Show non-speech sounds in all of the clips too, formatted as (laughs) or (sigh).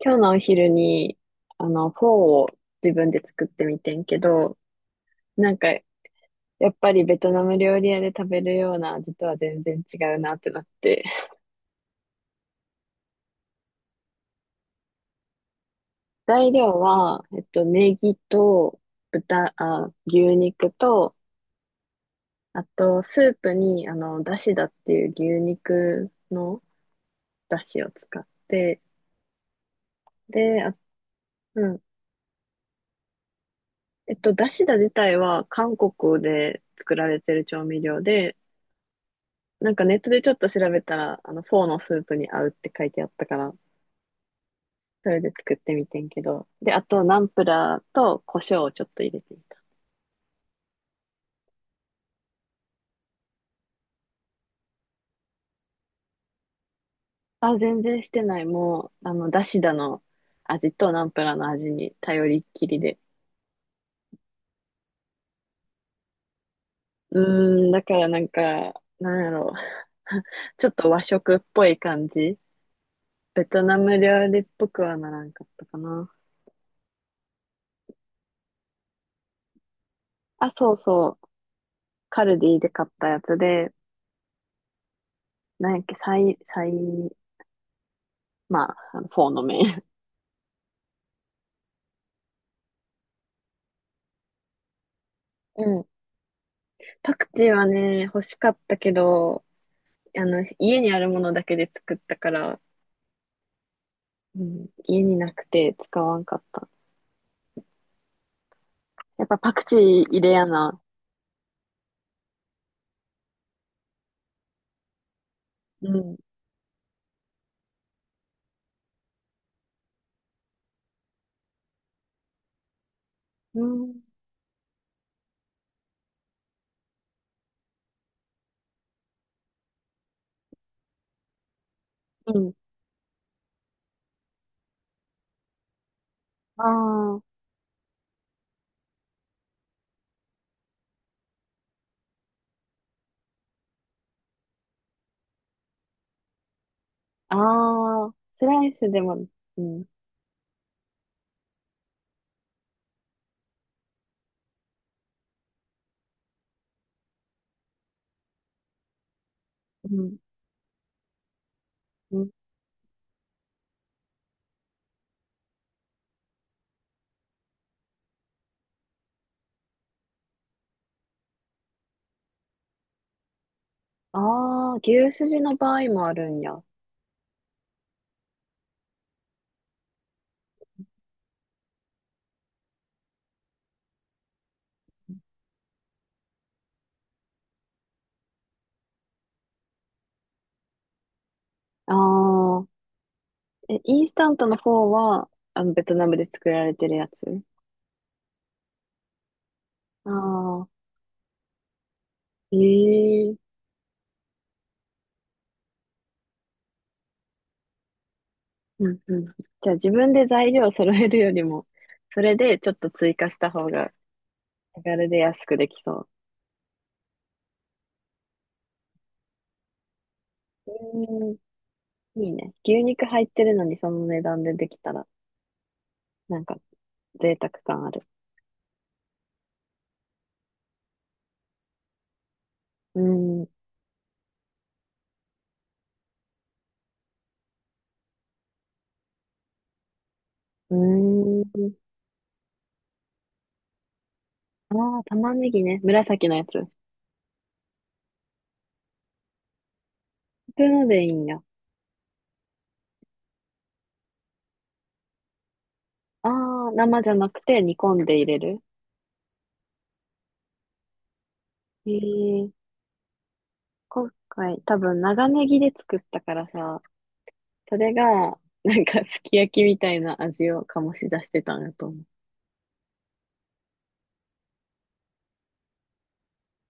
今日のお昼に、フォーを自分で作ってみてんけど、なんか、やっぱりベトナム料理屋で食べるような味とは全然違うなってなって。材料は、ネギと牛肉と、あと、スープに、だしだっていう牛肉のだしを使って、で、あ、うん。だしだ自体は韓国で作られてる調味料で、なんかネットでちょっと調べたら、フォーのスープに合うって書いてあったから、それで作ってみてんけど。で、あと、ナンプラーと胡椒をちょっと入れてみた。あ、全然してない。もう、だしだの味とナンプラーの味に頼りっきりで。うーん、だからなんか、なんやろう。(laughs) ちょっと和食っぽい感じ。ベトナム料理っぽくはならんかったかな。あ、そうそう。カルディで買ったやつで、なんやっけ、サイ、サイ、まあ、あのフォーの麺。うん。パクチーはね、欲しかったけど、家にあるものだけで作ったから、うん、家になくて使わんかった。やっぱパクチー入れやな。うん。うん。うん。ああ、ああ、スライスでも、うん。うん。うん。ああ、牛すじの場合もあるんや。ああ、え、インスタントの方は、ベトナムで作られてるやつ？ああ、ええ。うんうん。じゃあ自分で材料揃えるよりも、それでちょっと追加した方が手軽で安くできそう。うーん、いいね。牛肉入ってるのにその値段でできたら、なんか贅沢感ある。うーん、うーん。ああ、玉ねぎね。紫のやつ。普通のでいいんや。ああ、生じゃなくて煮込んで入れる。えー、今回多分長ネギで作ったからさ、それが、なんかすき焼きみたいな味を醸し出してたんだと思う。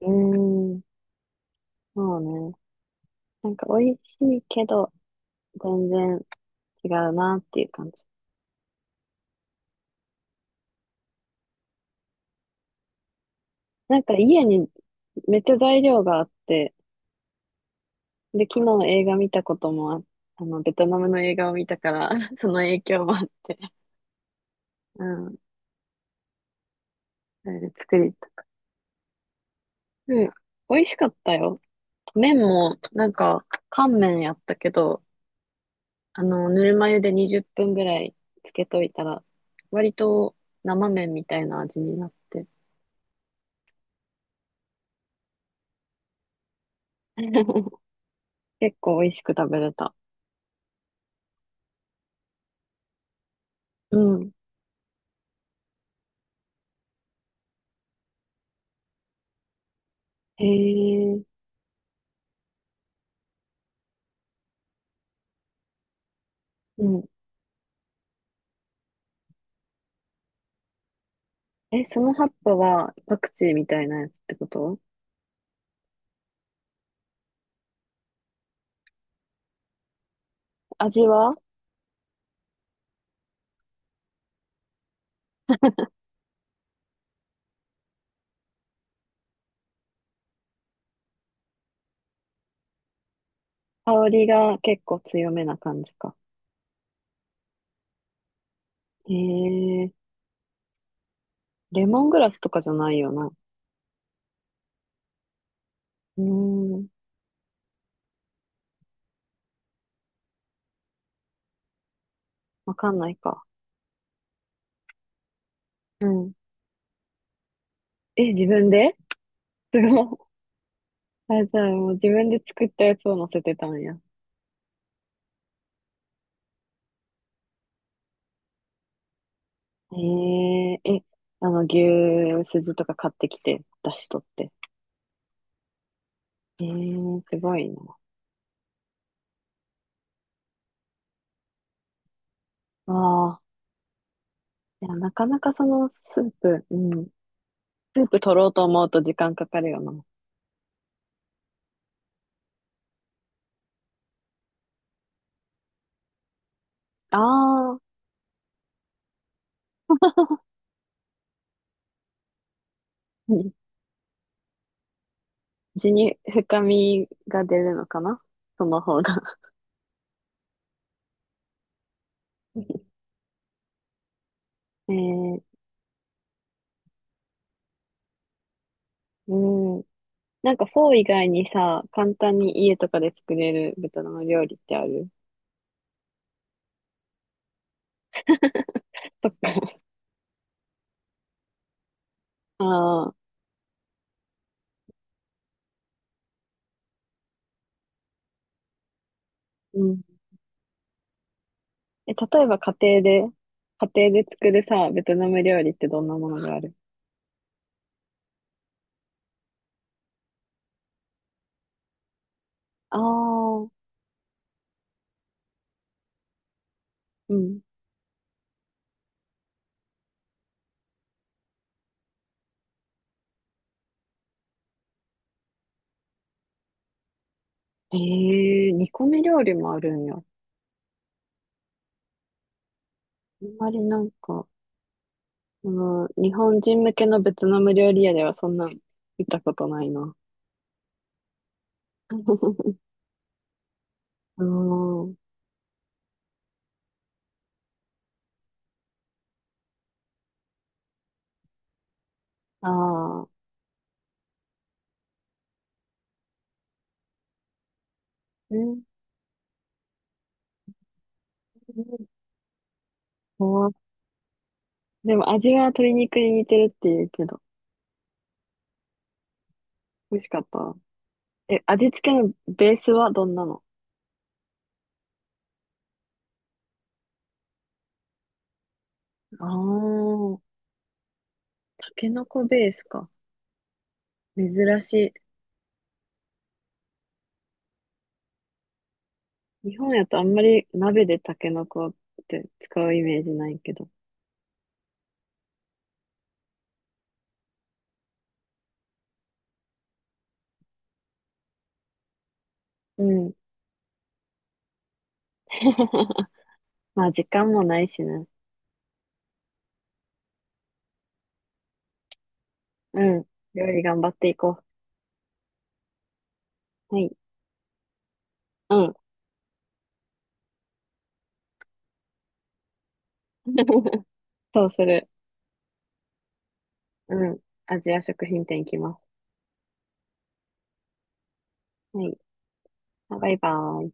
うーん、そうね。なんか美味しいけど、全然違うなっていう感じ。なんか家にめっちゃ材料があって、で、昨日映画見たこともあ、ベトナムの映画を見たから (laughs) その影響もあって、うん、それで作りた。うん、美味しかったよ。麺も、なんか、乾麺やったけど、ぬるま湯で20分ぐらいつけといたら、割と生麺みたいな味になって、(laughs) 結構美味しく食べれた。うん。へえ、うん。え、その葉っぱはパクチーみたいなやつってこと？味は？香りが結構強めな感じか。へえ、レモングラスとかじゃないよな。うーん、わかんないか。うん。え、自分で？ (laughs) すごい。あ、じゃあもう自分で作ったやつを乗せてたんや。へえ、え、牛すじとか買ってきて、出しとって。へえ、すごいな。ああ、いや、なかなかそのスープ、うん。スープ取ろうと思うと時間かかるよな。ああ、うん。地に深みが出るのかなその方が。(laughs) えー、うん。なんかフォー以外にさ、簡単に家とかで作れるベトナム料理ってある？そっか。ああ、うん。え、例えば家庭で作るさ、ベトナム料理ってどんなものがある？ああー、うん。ええー、煮込み料理もあるんや。あんまりなんか、日本人向けのベトナム料理屋ではそんなん見たことないな。(laughs) うん。ああ。えー、怖っ。でも味は鶏肉に似てるって言うけど、美味しかった？え、味付けのベースはどんなの？ああ、タケノコベースか。珍しい。日本やとあんまり鍋でタケノコって使うイメージないけど。うん。(laughs) まあ時間もないしね。うん。料理頑張っていこう。はい。うん。(laughs) そうする。うん。アジア食品店行きます。はい。あバイバイ。